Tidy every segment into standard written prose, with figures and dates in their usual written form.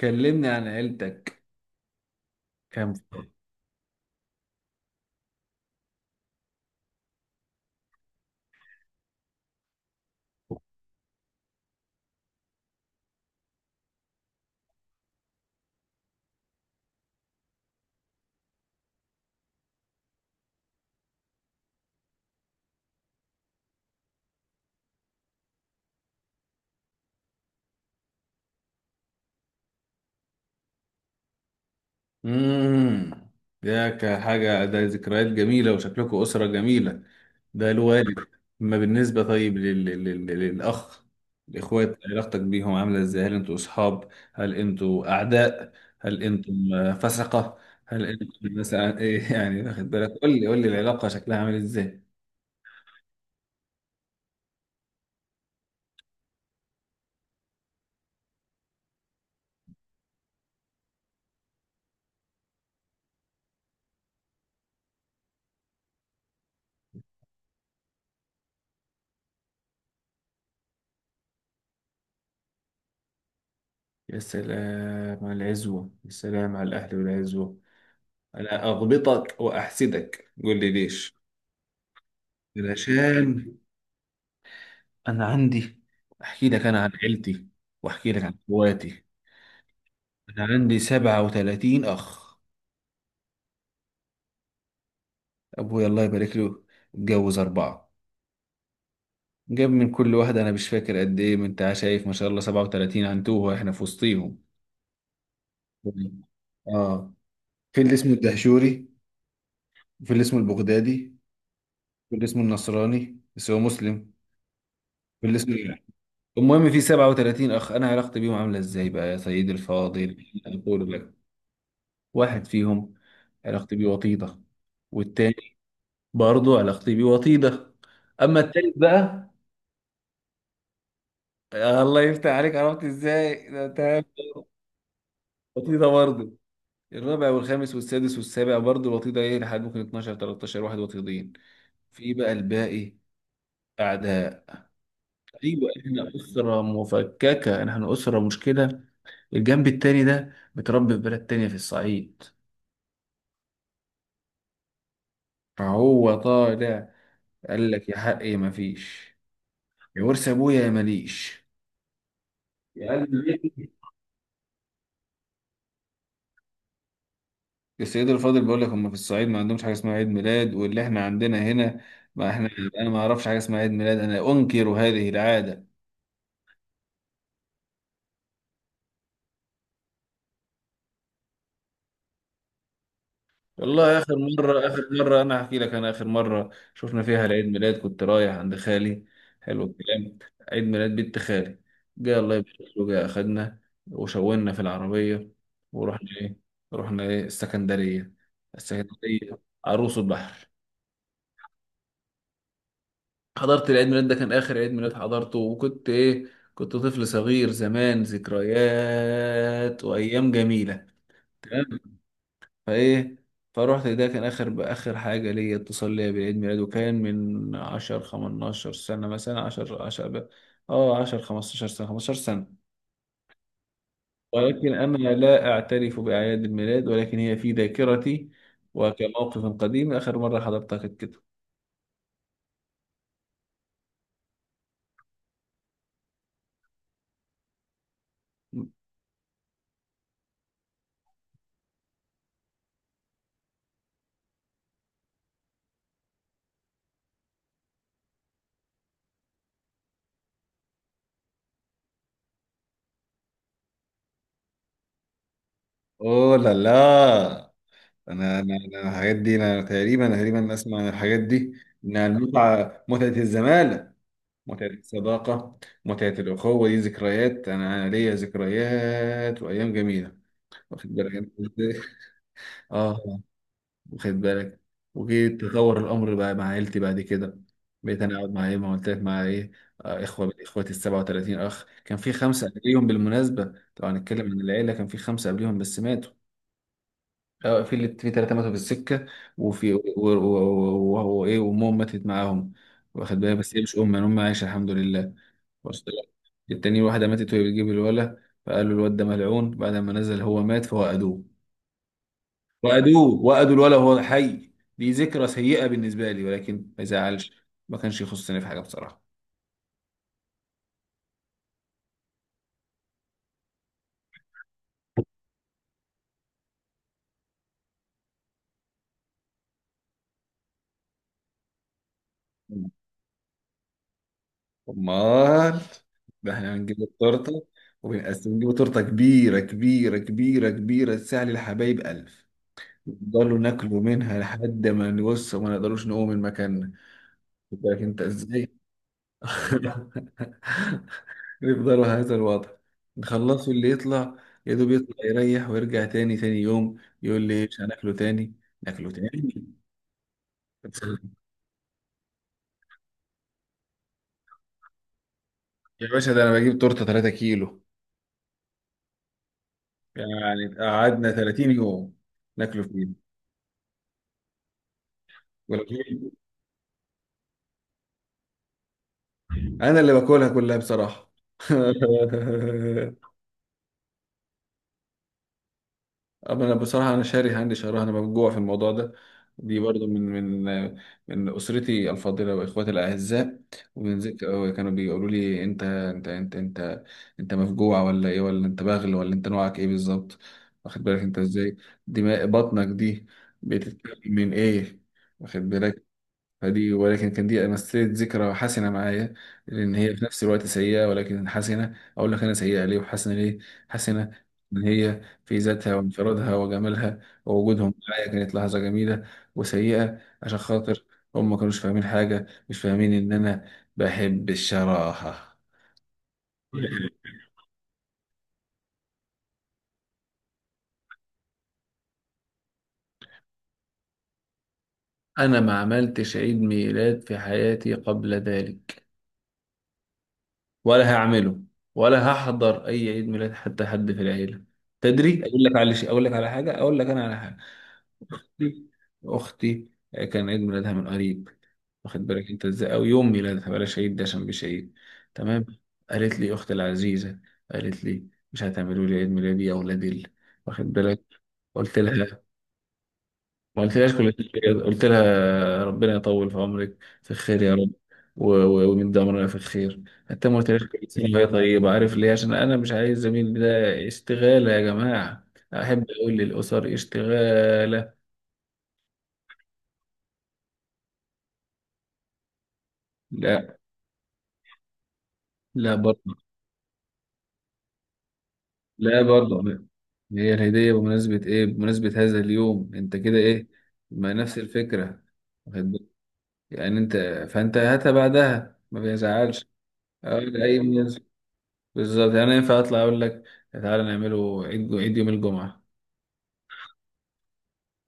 كلمني عن عيلتك، كام فرد؟ امم، ده كحاجة، ده ذكريات جميلة وشكلكم أسرة جميلة. ده الوالد. أما بالنسبة طيب للأخ الإخوات، علاقتك بيهم عاملة إزاي؟ هل أنتوا أصحاب؟ هل أنتوا أعداء؟ هل أنتم فسقة؟ هل أنتم مثلا إيه يعني، واخد بالك؟ قول لي العلاقة شكلها عامل إزاي. يا سلام على العزوة، يا سلام على الأهل والعزوة. أنا أغبطك وأحسدك، قول لي ليش. علشان أنا عندي، أحكي لك أنا عن عيلتي وأحكي لك عن إخواتي. أنا عندي 37 أخ. أبوي الله يبارك له اتجوز أربعة، جاب من كل واحدة أنا مش فاكر قد إيه، ما أنت شايف، ما شاء الله 37 عنتوه إحنا في وسطيهم. آه، في اللي اسمه الدهشوري، في اللي اسمه البغدادي، في اللي اسمه النصراني بس هو مسلم، في اللي اسمه، المهم في 37 اخ. انا علاقتي بيهم عامله ازاي بقى يا سيدي الفاضل؟ اقول لك. واحد فيهم علاقتي بيه وطيده، والتاني برضه علاقتي بيه وطيده، اما التالت بقى، الله يفتح عليك، عرفت ازاي؟ ده تمام، وطيده برضه. الرابع والخامس والسادس والسابع برضه الوطيده، ايه لحد ممكن 12 13 واحد وطيدين. في بقى الباقي اعداء. ايوه، احنا اسره مفككه، احنا اسره مشكله. الجنب التاني ده متربي في بلد تانية في الصعيد، فهو طالع قال لك يا حقي مفيش، يا ورث ابويا يا ماليش. يا قلب بيتي، السيد الفاضل بيقول لك هم في الصعيد ما عندهمش حاجه اسمها عيد ميلاد واللي احنا عندنا هنا. ما احنا، انا ما اعرفش حاجه اسمها عيد ميلاد، انا انكر هذه العاده. والله آخر مرة، آخر مرة أنا هحكي لك، أنا آخر مرة شفنا فيها العيد ميلاد كنت رايح عند خالي. حلو الكلام، عيد ميلاد بنت خالي. جه الله يبارك له، جه أخدنا، وشونا في العربية ورحنا إيه، رحنا إيه، السكندرية، السكندرية، عروس البحر. حضرت العيد ميلاد، ده كان آخر عيد ميلاد حضرته، وكنت إيه، كنت طفل صغير زمان، ذكريات وأيام جميلة. تمام. فايه، فروحت، ده كان اخر اخر حاجه ليا، اتصال ليا بالعيد ميلاد، وكان من 10 15 سنه، مثلا 10 10 15 سنه، 15 سنه. ولكن انا لا اعترف باعياد الميلاد، ولكن هي في ذاكرتي وكموقف قديم، اخر مره حضرتها كانت كده. اوه لا لا، انا الحاجات دي انا تقريبا اسمع عن الحاجات دي، انها المتعه، متعه الزمالة، متعة الصداقة، متعة الأخوة. دي ذكريات، أنا ليا ذكريات وأيام جميلة، واخد بالك أنت إزاي؟ آه، واخد بالك. وجيت تطور الأمر بقى مع عيلتي بعد كده، بقيت أنا أقعد مع إيه، ما قلت لك، مع إيه، إخوة من إخواتي ال 37 أخ. كان في خمسة قبليهم بالمناسبة، طبعا هنتكلم عن العيلة، كان في خمسة قبليهم بس ماتوا. اه، في اللي، في ثلاثة ماتوا في السكة، وفي وهو ايه، وامهم ماتت معاهم. واخد بالك، بس هي مش امه، يعني امها عايشة الحمد لله. وصلت لك؟ التانية، واحدة ماتت وهي بتجيب الولا، فقالوا الواد ده ملعون، بعد ما نزل هو مات فوأدوه. وأدوه، وأدوا الولا وهو حي. دي ذكرى سيئة بالنسبة لي، ولكن ما يزعلش، ما كانش يخصني في حاجة بصراحة. أمال، ده احنا هنجيب التورتة وبنقسم، نجيب تورتة كبيرة كبيرة كبيرة كبيرة، تساعد الحبايب ألف، نفضلوا ناكلوا منها لحد ما نبص وما نقدروش نقوم من مكاننا. خد بالك انت ازاي. يفضلوا هذا الوضع، نخلصوا اللي يطلع يا دوب يطلع يريح ويرجع تاني، تاني يوم يقول لي مش هناكله تاني، ناكله تاني. يا باشا، ده انا بجيب تورته 3 كيلو، يعني قعدنا 30 يوم ناكله فين؟ ولا كيلو؟ انا اللي باكلها كلها بصراحه. أما أنا بصراحة، أنا شاري هاندي شهرها، أنا مفجوع في الموضوع ده. دي برضو من من أسرتي الفاضلة وإخواتي الأعزاء، ومن ذكر كانوا بيقولوا لي: أنت أنت أنت أنت، أنت مفجوع ولا إيه، ولا أنت باغل، ولا أنت نوعك إيه بالظبط؟ واخد بالك أنت إزاي؟ دماء بطنك دي بتتكلم من إيه؟ واخد بالك. فدي، ولكن كان دي مثلت ذكرى حسنة معايا، لأن هي في نفس الوقت سيئة، ولكن حسنة. أقول لك أنا سيئة ليه وحسنة ليه. حسنة إن هي في ذاتها وانفرادها وجمالها، ووجودهم معايا كانت لحظة جميلة. وسيئة عشان خاطر هم ما كانوش فاهمين حاجة، مش فاهمين إن أنا بحب الشراهة. أنا ما عملتش عيد ميلاد في حياتي قبل ذلك، ولا هعمله، ولا هحضر اي عيد ميلاد، حتى حد في العيله. تدري، اقول لك انا على حاجه. اختي اختي كان عيد ميلادها من قريب، واخد بالك انت ازاي، او يوم ميلادها، بلاش عيد ده عشان مش عيد. تمام، قالت لي اختي العزيزه، قالت لي: مش هتعملوا لي عيد ميلادي يا اولاد ال-، واخد بالك. قلت لها، ما قلتلهاش كل شيء، قلت لها ربنا يطول في عمرك، في خير يا رب، ويمد عمرنا في الخير. حتى ما قلتلهاش كل سنة وهي طيبة. عارف ليه؟ عشان أنا مش عايز زميلي ده اشتغالة، يا جماعة أحب أقول للأسر اشتغالة. لا، لا برضه، لا برضه. هي الهدية بمناسبة إيه، بمناسبة هذا اليوم، أنت كده إيه، ما نفس الفكرة، واخد بالك؟ يعني أنت، فأنت هاتها بعدها ما بيزعلش. أي بالظبط، يعني أنا ينفع اطلع اقول لك تعالى نعمله عيد، عيد يوم الجمعة؟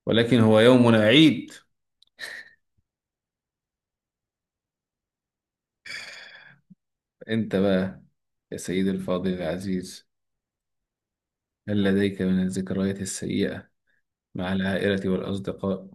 ولكن هو يومنا عيد. انت بقى يا سيدي الفاضل العزيز، هل لديك من الذكريات السيئة مع العائلة والأصدقاء؟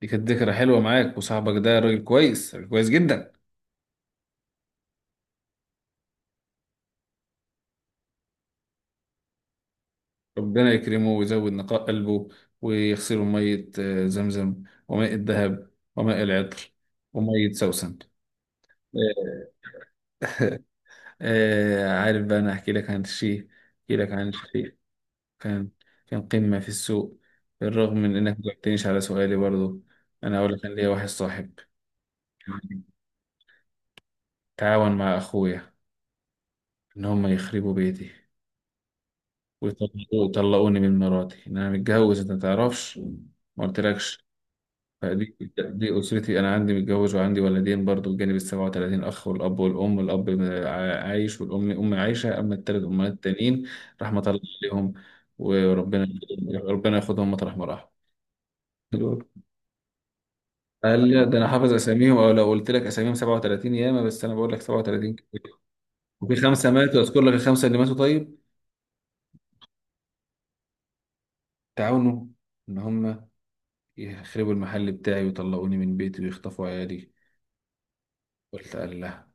دي كانت ذكرى حلوة معاك، وصاحبك ده راجل كويس، راجل كويس جدا. ربنا يكرمه ويزود نقاء قلبه، ويغسله مية زمزم وماء الذهب وماء العطر ومية سوسن. عارف بقى، أنا أحكي لك عن الشيء، أحكي لك عن الشيء. كان كان قمة في السوق، بالرغم من إنك مجاوبتنيش على سؤالي برضو. أنا أقول لك، أنا ليا واحد صاحب تعاون مع أخويا، إن هم يخربوا بيتي ويطلقوني من مراتي. إن أنا متجوز أنت متعرفش، ما قلتلكش. فدي أسرتي، أنا عندي، متجوز وعندي ولدين برضو، بجانب السبعة وتلاتين أخ والأب والأم. الأب عايش، والأم أم عايشة. أما التلات أمهات التانيين، رحمة الله عليهم. وربنا، ربنا ياخدهم مطرح ما راحوا. قال لي، ده انا حافظ اساميهم، او لو قلت لك اساميهم 37 ياما، بس انا بقول لك 37 كتير، وفي خمسه ماتوا. اذكر لك الخمسه اللي ماتوا؟ طيب. تعاونوا ان هم يخربوا المحل بتاعي، ويطلعوني من بيتي، ويخطفوا عيالي. قلت الله،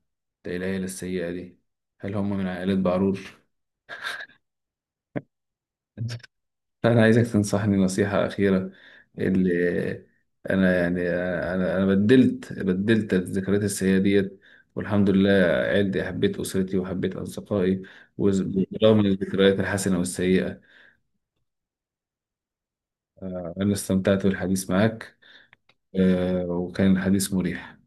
ده إيه العيله السيئه دي، هل هم من عائلات بعرور؟ فأنا عايزك تنصحني نصيحة أخيرة، اللي أنا يعني، أنا بدلت الذكريات السيئة ديت. والحمد لله عيلتي، حبيت أسرتي وحبيت أصدقائي، برغم الذكريات الحسنة والسيئة، أنا استمتعت بالحديث معك، وكان الحديث مريح.